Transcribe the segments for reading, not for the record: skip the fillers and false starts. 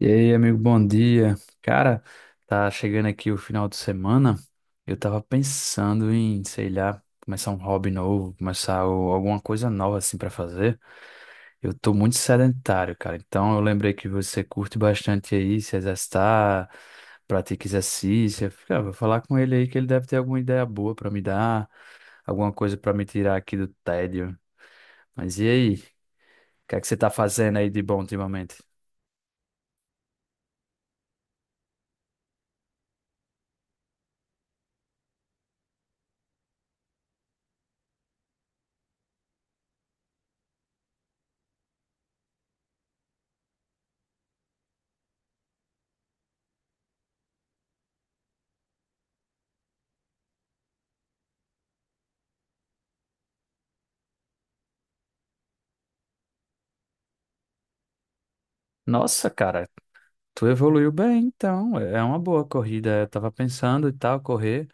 E aí, amigo, bom dia. Cara, tá chegando aqui o final de semana. Eu tava pensando em, sei lá, começar um hobby novo, alguma coisa nova assim pra fazer. Eu tô muito sedentário, cara. Então eu lembrei que você curte bastante aí se exercitar, pratica exercício. Eu fiquei, ah, vou falar com ele aí que ele deve ter alguma ideia boa pra me dar, alguma coisa pra me tirar aqui do tédio. Mas e aí? O que é que você tá fazendo aí de bom ultimamente? Nossa, cara. Tu evoluiu bem, então. É uma boa corrida. Eu tava pensando e tal, correr.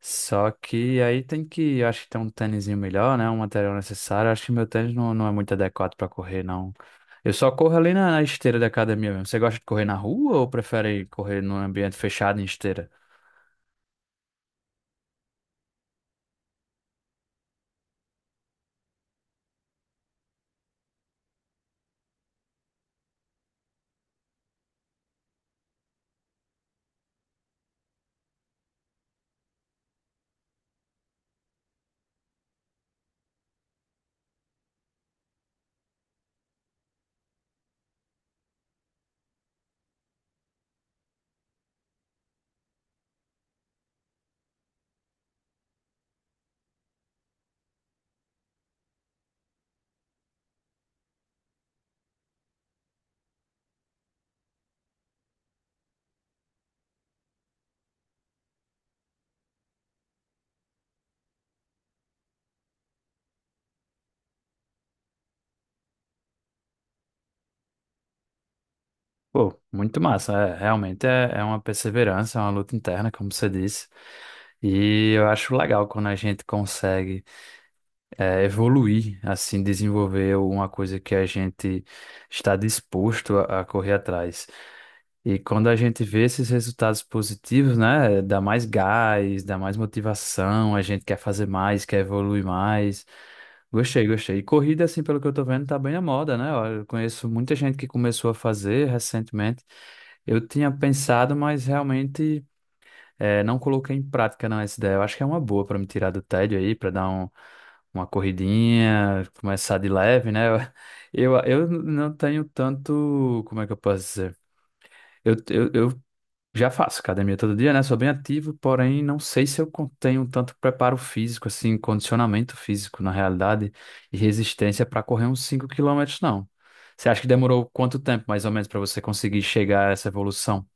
Só que aí tem que, eu acho que tem um tênisinho melhor, né? Um material necessário. Eu acho que meu tênis não, não é muito adequado pra correr, não. Eu só corro ali na esteira da academia mesmo. Você gosta de correr na rua ou prefere correr num ambiente fechado em esteira? Pô, muito massa. É, realmente é uma perseverança, é uma luta interna, como você disse. E eu acho legal quando a gente consegue. É, evoluir, assim, desenvolver uma coisa que a gente está disposto a correr atrás. E quando a gente vê esses resultados positivos, né, dá mais gás, dá mais motivação, a gente quer fazer mais, quer evoluir mais. Gostei, gostei. E corrida, assim, pelo que eu tô vendo, tá bem na moda, né? Olha, eu conheço muita gente que começou a fazer recentemente. Eu tinha pensado, mas realmente. É, não coloquei em prática não essa ideia. Eu acho que é uma boa para me tirar do tédio aí, para dar uma corridinha, começar de leve, né? Eu não tenho tanto, como é que eu posso dizer? Eu já faço academia todo dia, né? Sou bem ativo, porém não sei se eu tenho tanto preparo físico, assim, condicionamento físico, na realidade, e resistência para correr uns 5 km não. Você acha que demorou quanto tempo, mais ou menos, para você conseguir chegar a essa evolução?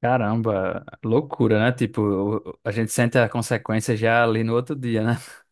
Caramba, loucura, né? Tipo, a gente sente a consequência já ali no outro dia, né?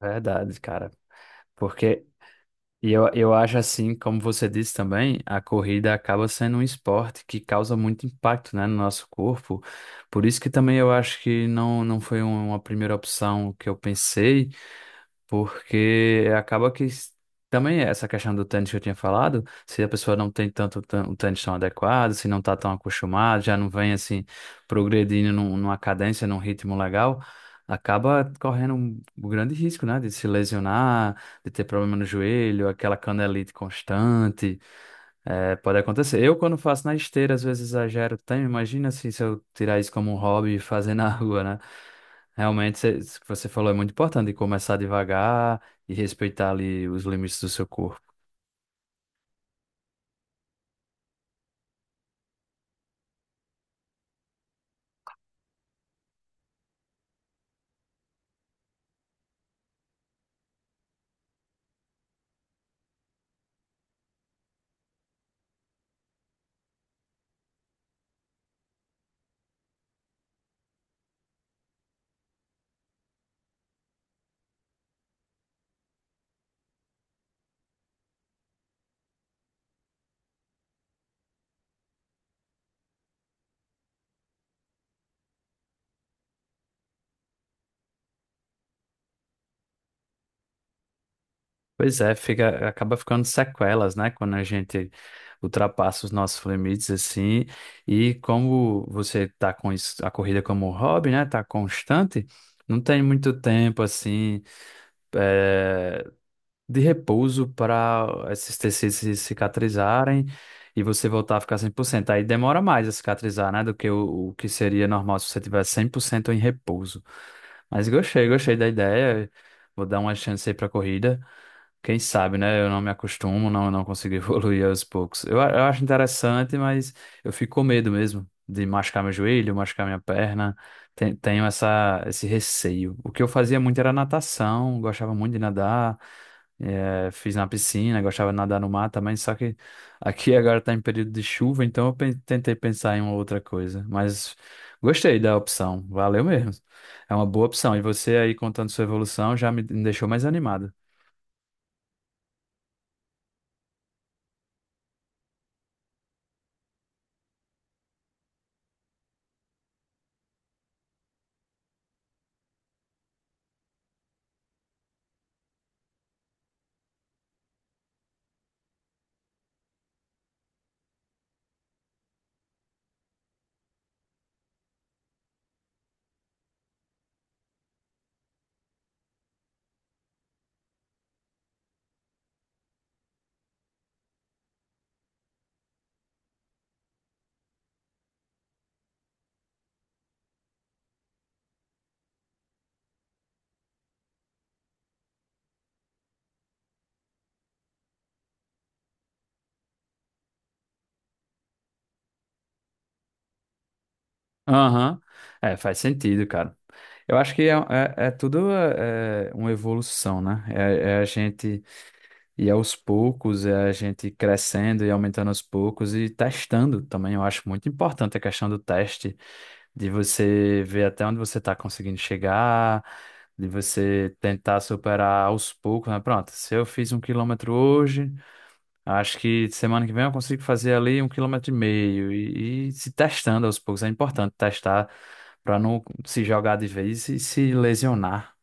Verdade, cara. Porque e eu acho assim, como você disse também, a corrida acaba sendo um esporte que causa muito impacto, né, no nosso corpo. Por isso que também eu acho que não, não foi uma primeira opção que eu pensei. Porque acaba que também essa questão do tênis que eu tinha falado, se a pessoa não tem tanto um tênis tão adequado, se não está tão acostumado, já não vem assim progredindo numa cadência, num ritmo legal, acaba correndo um grande risco, né, de se lesionar, de ter problema no joelho, aquela canelite constante. É, pode acontecer. Eu, quando faço na esteira, às vezes exagero também. Imagina assim, se eu tirar isso como um hobby e fazer na rua, né? Realmente, isso que você falou é muito importante, de começar devagar e respeitar ali os limites do seu corpo. Pois é, fica, acaba ficando sequelas, né? Quando a gente ultrapassa os nossos limites, assim. E como você tá com a corrida como um hobby, né? Tá constante, não tem muito tempo, assim, é, de repouso para esses tecidos se cicatrizarem e você voltar a ficar 100%. Aí demora mais a cicatrizar, né, do que o que seria normal se você tivesse 100% em repouso. Mas gostei, gostei da ideia. Vou dar uma chance aí para corrida. Quem sabe, né? Eu não me acostumo, não, não consigo evoluir aos poucos. Eu, eu acho interessante, mas eu fico com medo mesmo de machucar meu joelho, machucar minha perna. Tenho essa, esse receio. O que eu fazia muito era natação, gostava muito de nadar. Fiz na piscina, gostava de nadar no mar também, só que aqui agora está em período de chuva, então eu tentei pensar em uma outra coisa. Mas gostei da opção, valeu mesmo. É uma boa opção. E você aí contando sua evolução já me deixou mais animado. Aham. É, faz sentido, cara. Eu acho que é tudo é uma evolução, né? É, é a gente ir aos poucos, é a gente crescendo e aumentando aos poucos e testando também. Eu acho muito importante a questão do teste, de você ver até onde você está conseguindo chegar, de você tentar superar aos poucos, né? Pronto, se eu fiz 1 km hoje. Acho que semana que vem eu consigo fazer ali 1,5 km e se testando aos poucos. É importante testar para não se jogar de vez e se lesionar.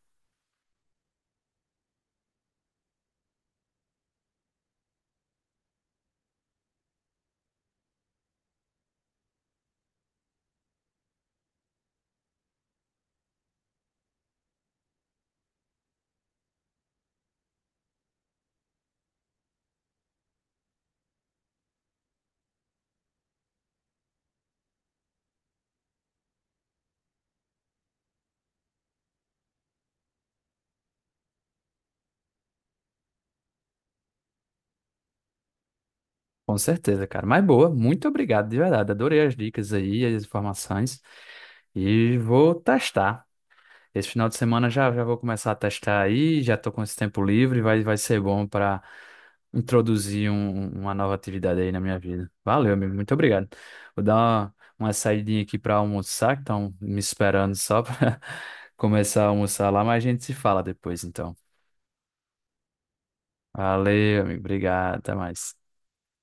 Com certeza, cara. Mas boa, muito obrigado de verdade. Adorei as dicas aí, as informações. E vou testar. Esse final de semana já vou começar a testar aí, já estou com esse tempo livre, vai ser bom para introduzir uma nova atividade aí na minha vida. Valeu, amigo, muito obrigado. Vou dar uma saidinha aqui para almoçar, que estão me esperando só para começar a almoçar lá, mas a gente se fala depois, então. Valeu, amigo, obrigado, até mais.